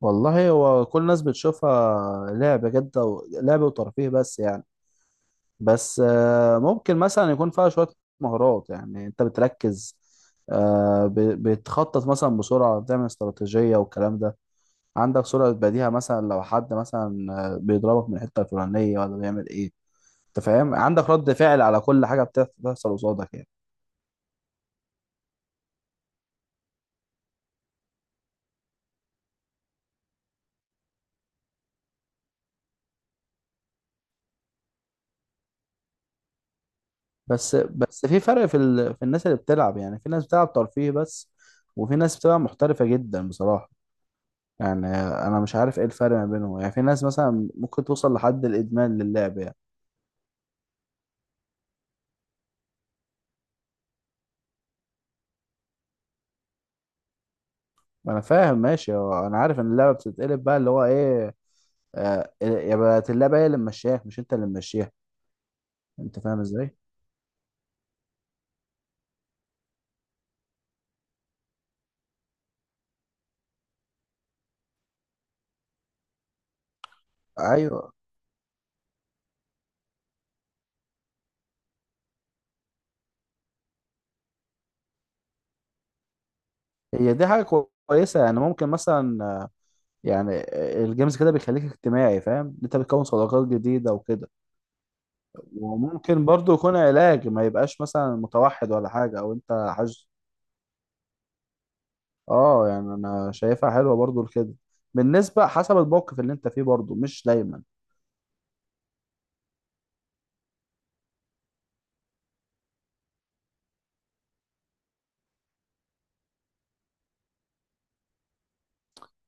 والله هو كل الناس بتشوفها لعبة جد لعبة وترفيه بس يعني. بس ممكن مثلا يكون فيها شوية مهارات، يعني انت بتركز، بتخطط مثلا بسرعة، بتعمل استراتيجية والكلام ده. عندك سرعة بديهة، مثلا لو حد مثلا بيضربك من الحتة الفلانية ولا بيعمل ايه. انت فاهم، عندك رد فعل على كل حاجة بتحصل قصادك يعني. بس في فرق في في الناس اللي بتلعب. يعني في ناس بتلعب ترفيه بس، وفي ناس بتبقى محترفة جدا بصراحة. يعني انا مش عارف ايه الفرق ما بينهم، يعني في ناس مثلا ممكن توصل لحد الادمان للعب يعني. انا فاهم ماشي، هو انا عارف ان اللعبه بتتقلب بقى اللي هو ايه، آه، يا بقت اللعبه هي اللي ممشياك مش انت اللي ممشيها. انت فاهم ازاي. ايوه، هي دي حاجه كويسه، يعني ممكن مثلا يعني الجيمز كده بيخليك اجتماعي، فاهم، انت بتكون صداقات جديده وكده. وممكن برضو يكون علاج، ما يبقاش مثلا متوحد ولا حاجه، او انت حاج. اه يعني انا شايفها حلوه برضو لكده، بالنسبه حسب الموقف اللي انت فيه، برضو مش دايما.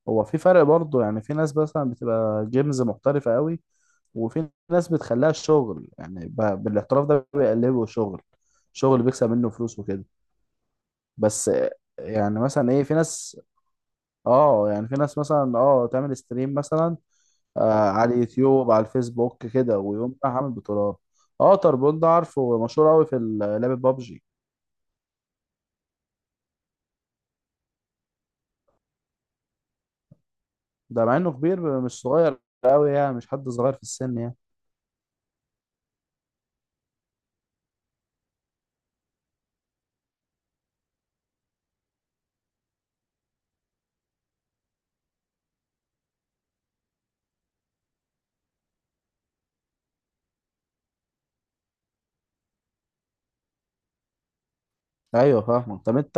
هو في فرق برضو، يعني في ناس مثلا بتبقى جيمز محترفه قوي، وفي ناس بتخليها شغل، يعني بالاحتراف ده بيقلبه شغل، شغل بيكسب منه فلوس وكده. بس يعني مثلا ايه، في ناس، اه يعني في ناس مثلا اه تعمل ستريم مثلا، آه، على اليوتيوب على الفيسبوك كده، ويقوم رايح عامل بطولات. اه تربون ده، عارفه، مشهور قوي في لعبه بابجي. ده مع انه كبير مش صغير قوي يعني، مش حد صغير في السن يعني. ايوه فاهمك. طب انت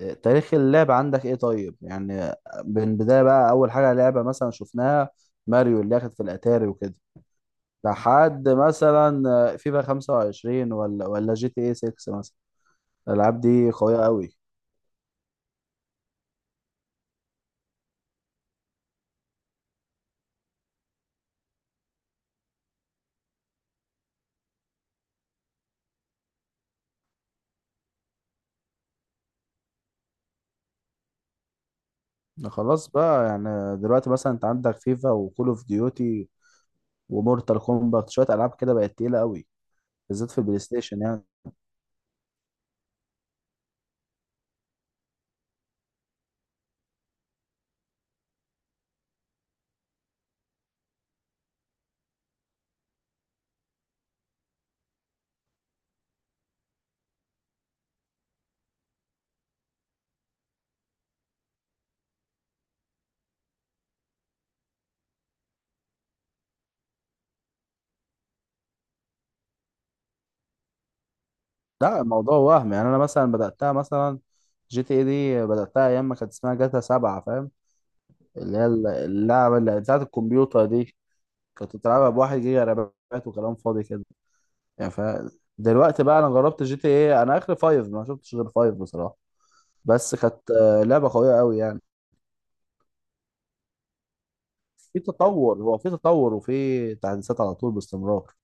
تاريخ اللعب عندك ايه طيب، يعني من بداية بقى، اول حاجة لعبة مثلا شفناها ماريو اللي اخد في الاتاري وكده، لحد مثلا فيفا 25 ولا جي تي اي 6 مثلا. الالعاب دي قوية قوي. خلاص بقى، يعني دلوقتي مثلا انت عندك فيفا وكول اوف ديوتي ومورتال كومباكت، شوية العاب كده بقت تقيلة قوي، بالذات في البلاي ستيشن يعني. لا الموضوع وهم، يعني انا مثلا بداتها مثلا جي تي اي دي، بداتها ايام ما كانت اسمها جاتا سبعة، فاهم، اللي هي اللعبه اللي بتاعت الكمبيوتر دي، كنت بتلعبها بواحد جيجا رامات وكلام فاضي كده يعني. ف دلوقتي بقى انا جربت جي تي اي، انا اخر فايف، ما شفتش غير فايف بصراحه، بس كانت لعبه قويه قوي يعني. في تطور، هو في تطور وفي تحديثات على طول باستمرار.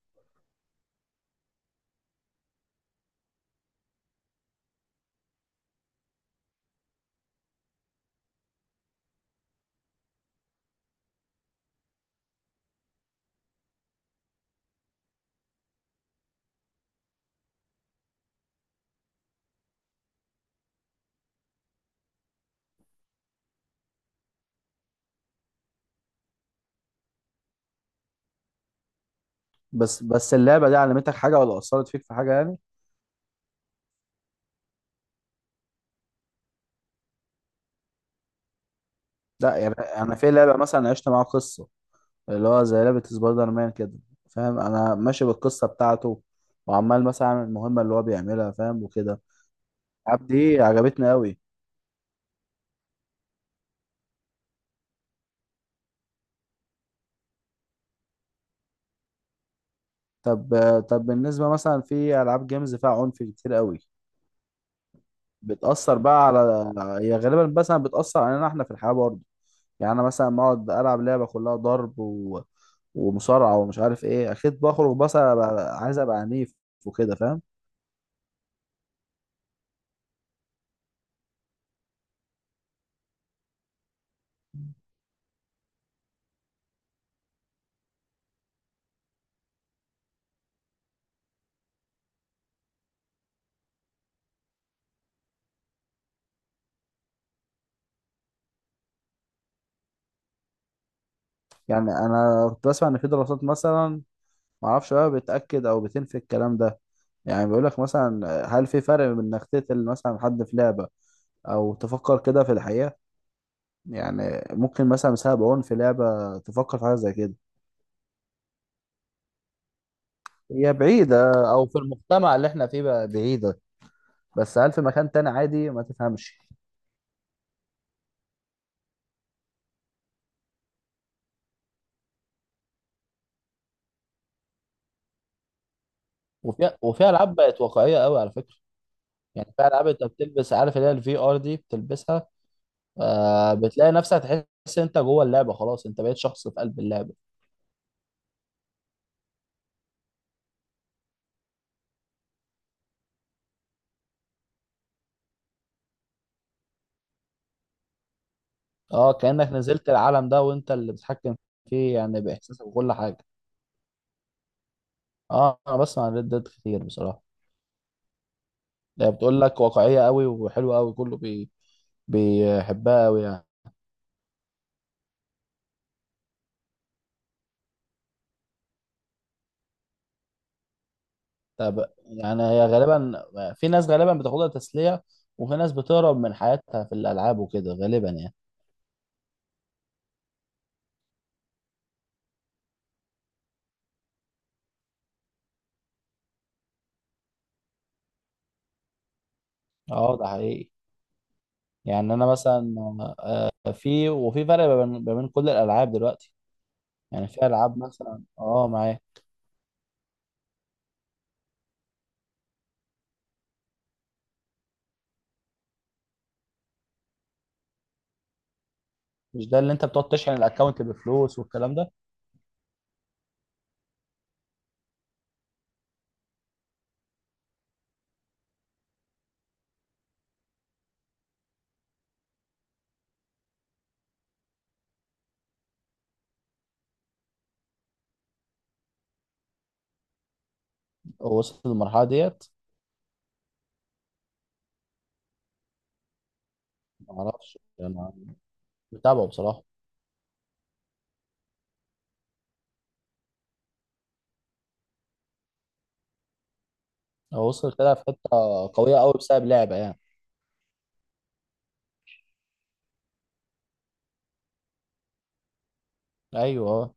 بس اللعبه دي علمتك حاجه، ولا اثرت فيك في حاجه يعني. لا يعني انا في لعبه مثلا عشت معاها قصه، اللي هو زي لعبة سبايدر مان كده، فاهم، انا ماشي بالقصة بتاعته، وعمال مثلا اعمل المهمة اللي هو بيعملها، فاهم وكده. الألعاب دي عجبتني قوي. طب طب بالنسبة مثلا في ألعاب جيمز فيها عنف كتير قوي، بتأثر بقى على، هي غالبا مثلا بتأثر علينا احنا في الحياة برضه. يعني انا مثلا ما اقعد ألعب لعبة كلها ضرب ومصارعة ومش عارف ايه، اكيد بخرج بس عايز ابقى عنيف وكده، فاهم. يعني انا كنت بسمع ان في دراسات مثلا، معرفش بقى بتأكد أو بتنفي الكلام ده. يعني بيقولك مثلا هل في فرق بين إنك تقتل مثلا حد في لعبة أو تفكر كده في الحقيقة. يعني ممكن مثلا بسبب عنف في لعبة تفكر في حاجة زي كده. هي بعيدة، أو في المجتمع اللي إحنا فيه بقى بعيدة، بس هل في مكان تاني عادي ما تفهمش. وفي ألعاب بقت واقعية قوي على فكرة. يعني في ألعاب أنت بتلبس، عارف اللي هي الفي آر دي بتلبسها، آه، بتلاقي نفسك تحس أنت جوه اللعبة، خلاص أنت بقيت شخص في قلب اللعبة. اه كأنك نزلت العالم ده وانت اللي بتتحكم فيه يعني، باحساسك وكل حاجه. اه انا بسمع عن ريد ديد كتير بصراحه. هي بتقول لك واقعيه قوي وحلوه قوي، كله بيحبها قوي يعني. طب يعني هي غالبا في ناس غالبا بتاخدها تسليه، وفي ناس بتهرب من حياتها في الالعاب وكده غالبا يعني. اه ده حقيقي. يعني انا مثلا في فرق ما بين كل الالعاب دلوقتي، يعني في العاب مثلا اه معايا. مش ده اللي انت بتقعد تشحن الاكونت بفلوس والكلام ده. هو وصل للمرحلة ديت، معرفش أنا متابعه بصراحة. هو وصل كده في حتة قوية أوي بسبب لعبة يعني. أيوه أه.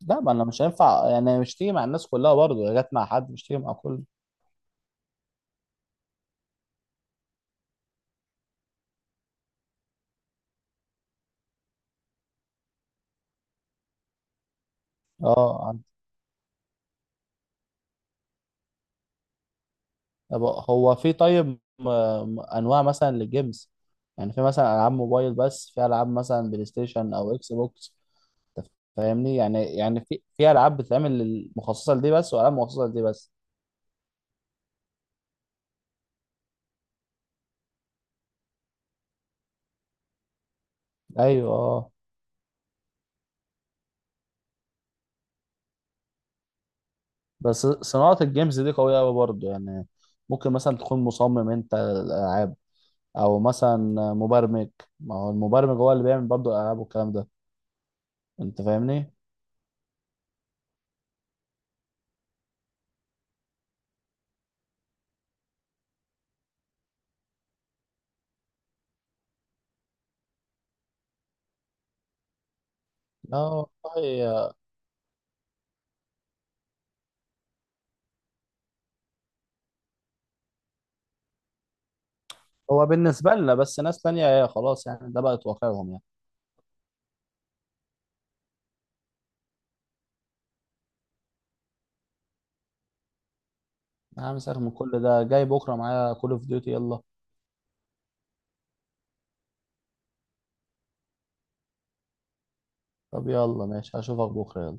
لا ما أنا مش هينفع يعني، مش تيجي مع الناس كلها برضه، هي جت مع حد مش تيجي مع كل. أه عن- طب هو في طيب أنواع مثلا للجيمز، يعني في مثلا ألعاب موبايل بس، في ألعاب مثلا بلاي ستيشن أو إكس بوكس، فاهمني، يعني يعني في ألعاب بتتعمل مخصصة لدي بس، وألعاب مخصصة لدي بس. أيوه. بس صناعة الجيمز دي قوية أوي برضه يعني، ممكن مثلا تكون مصمم أنت الألعاب، أو مثلا مبرمج. ما هو المبرمج هو اللي بيعمل برضه الألعاب والكلام ده. أنت فاهمني؟ اه والله. هو بالنسبة لنا بس، ناس تانية هي خلاص يعني، ده بقت واقعهم يعني. أنا مساك من كل ده، جاي بكرة معايا كول أوف ديوتي، يلا. طب يلا ماشي هشوفك بكرة، يلا.